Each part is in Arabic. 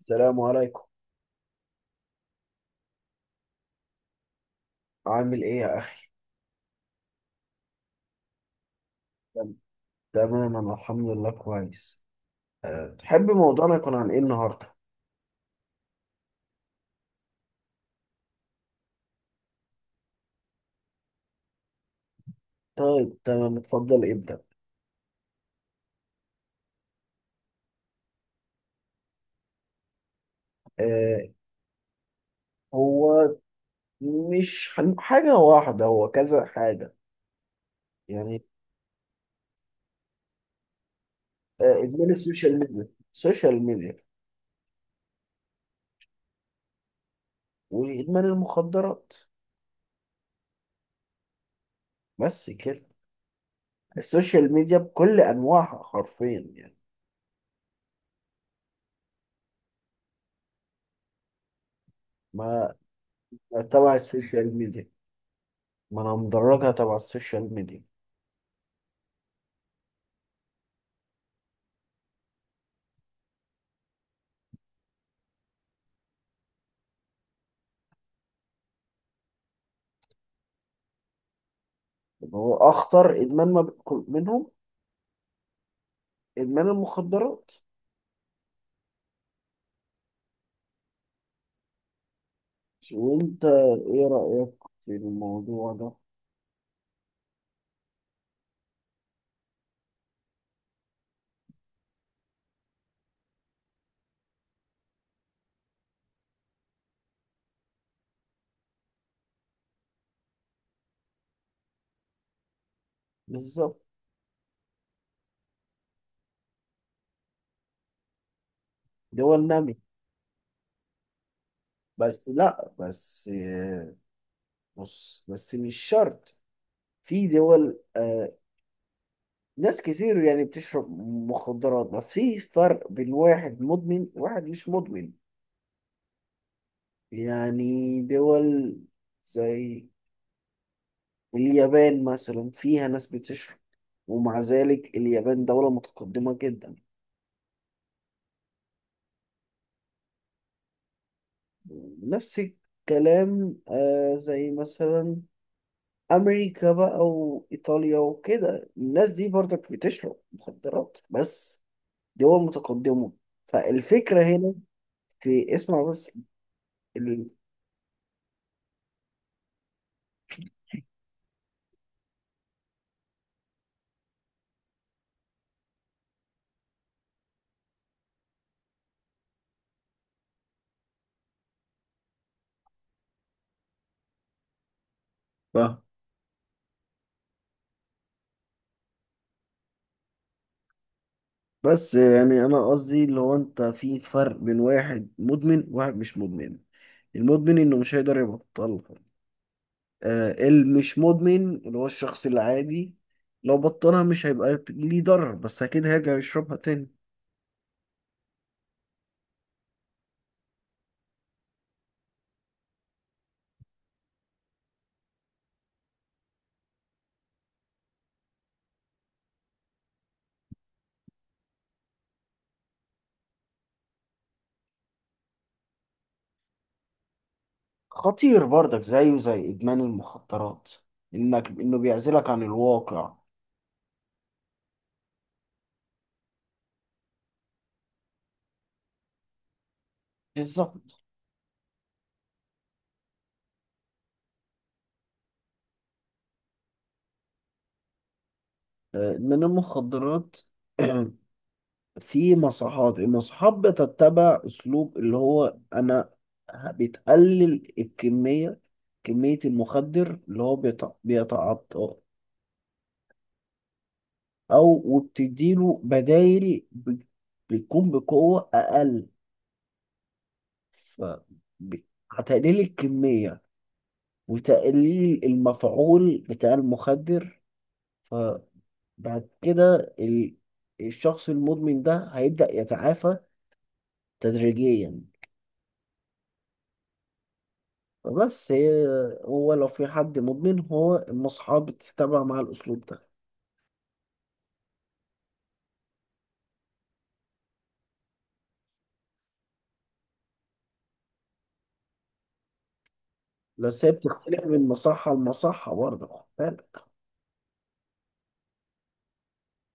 السلام عليكم. عامل ايه يا اخي؟ تم- تمام، انا الحمد لله كويس. تحب موضوعنا يكون عن ايه النهارده؟ طيب، تمام، اتفضل ابدأ. أه هو مش هن- حاجة واحدة، هو كذا حاجة، يعني. ادمان السوشيال ميديا وادمان المخدرات، بس كده. السوشيال ميديا بكل انواعها حرفيا يعني. ما ما تبع السوشيال ميديا، ما انا مدرجها تبع السوشيال ميديا. يعني هو اخطر ادمان ما بيكون منهم إدمان المخدرات. وأنت إيه رأيك في الموضوع ده؟ بالظبط. دول نامي. بس لا، بس بص، بس مش شرط. في دول، ناس كتير يعني بتشرب مخدرات، بس في فرق بين واحد مدمن وواحد مش مدمن. يعني دول زي اليابان مثلا فيها ناس بتشرب، ومع ذلك اليابان دولة متقدمة جدا. نفس الكلام. زي مثلا أمريكا بقى وإيطاليا وكده، الناس دي برضك بتشرب مخدرات، بس دول متقدمة. فالفكرة هنا، في، اسمع بس ال- صح. بس يعني أنا قصدي اللي هو أنت، في فرق بين واحد مدمن وواحد مش مدمن. المدمن إنه مش هيقدر يبطلها. المش مدمن، اللي هو الشخص العادي، لو بطلها مش هيبقى ليه ضرر، بس أكيد هيرجع يشربها تاني. خطير برضك، زيه زي إدمان المخدرات. إنه بيعزلك عن الواقع. بالظبط. إدمان المخدرات. في مصحات، بتتبع أسلوب اللي هو أنا بتقلل الكمية، كمية المخدر اللي هو بيتعاطاه. أو وبتديله بدايل بتكون بقوة أقل. ف ب- هتقليل الكمية وتقليل المفعول بتاع المخدر. فبعد كده الشخص المدمن ده هيبدأ يتعافى تدريجيا. بس هي، هو لو في حد مدمن، هو المصحة بتتبع مع الأسلوب ده. بس هي بتختلف من مصحة لمصحة برضه، خد بالك.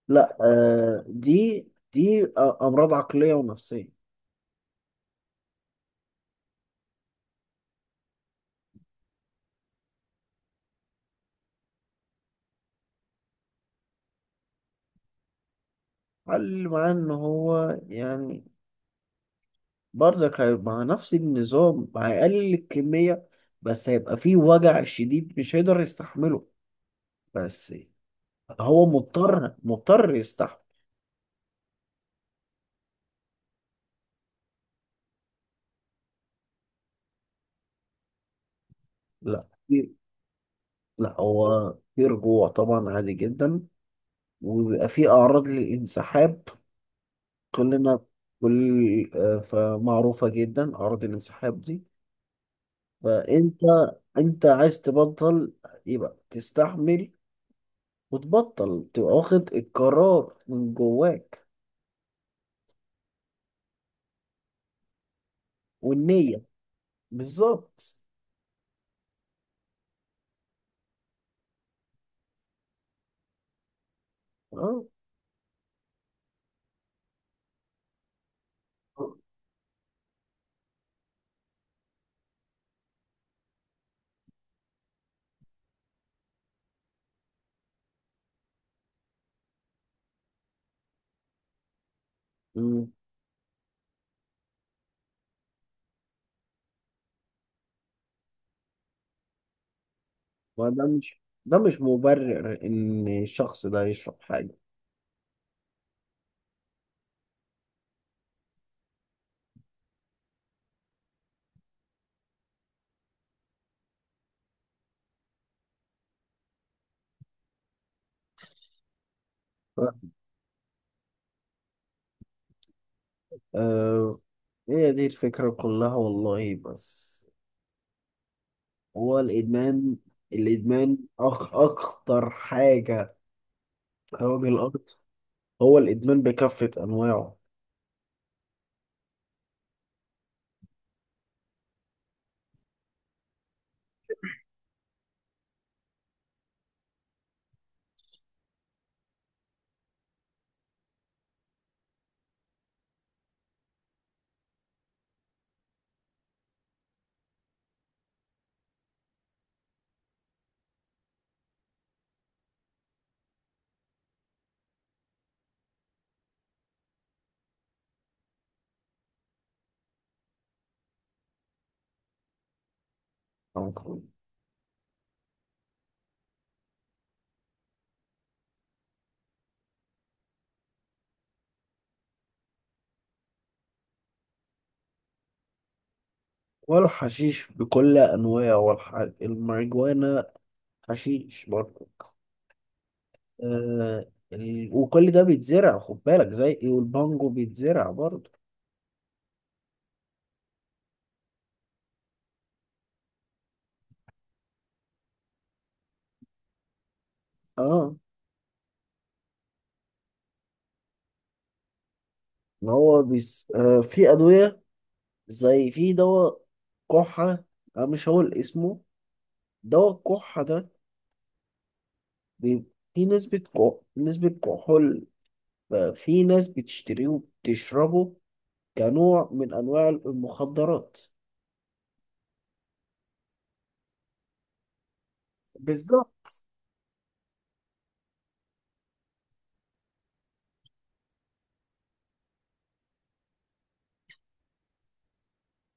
لا، دي أمراض عقلية ونفسية. اللي معاه إن هو يعني برضك هيبقى مع نفس النظام، هيقلل الكمية، بس هيبقى فيه وجع شديد مش هيقدر يستحمله، بس هو مضطر مضطر يستحمل. لا في- لا، هو في رجوع طبعا، عادي جدا، وبيبقى في اعراض للانسحاب. كلنا كل آه، فمعروفة جدا اعراض الانسحاب دي. فانت عايز تبطل، يبقى تستحمل وتبطل، تبقى واخد القرار من جواك والنية. بالظبط. اه. أمم. وده مش ده مش مبرر ان الشخص ده يشرب حاجة. هي دي الفكرة كلها والله. بس هو الإدمان، الإدمان أخ أخطر حاجة، أو الأرض، هو الإدمان بكافة أنواعه. والحشيش بكل أنواعه الماريجوانا حشيش برضه. وكل ده بيتزرع، خد بالك، زي إيه، والبانجو بيتزرع برضه. اه. ما هو في أدوية، زي في دواء كحة، أنا مش هقول اسمه. دواء الكحة ده بي- في نسبة كحول، ففي ناس بتشتريه وبتشربه كنوع من أنواع المخدرات. بالظبط.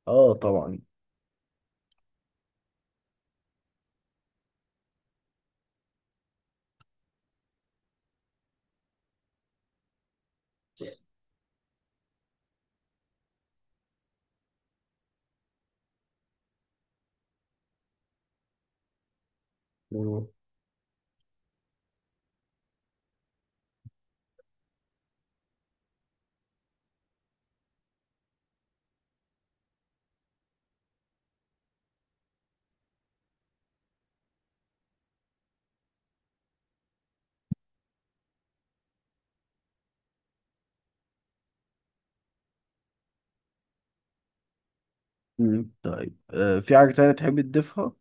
اه طبعا. مم. مم. طيب، في حاجة تانية تحب تضيفها؟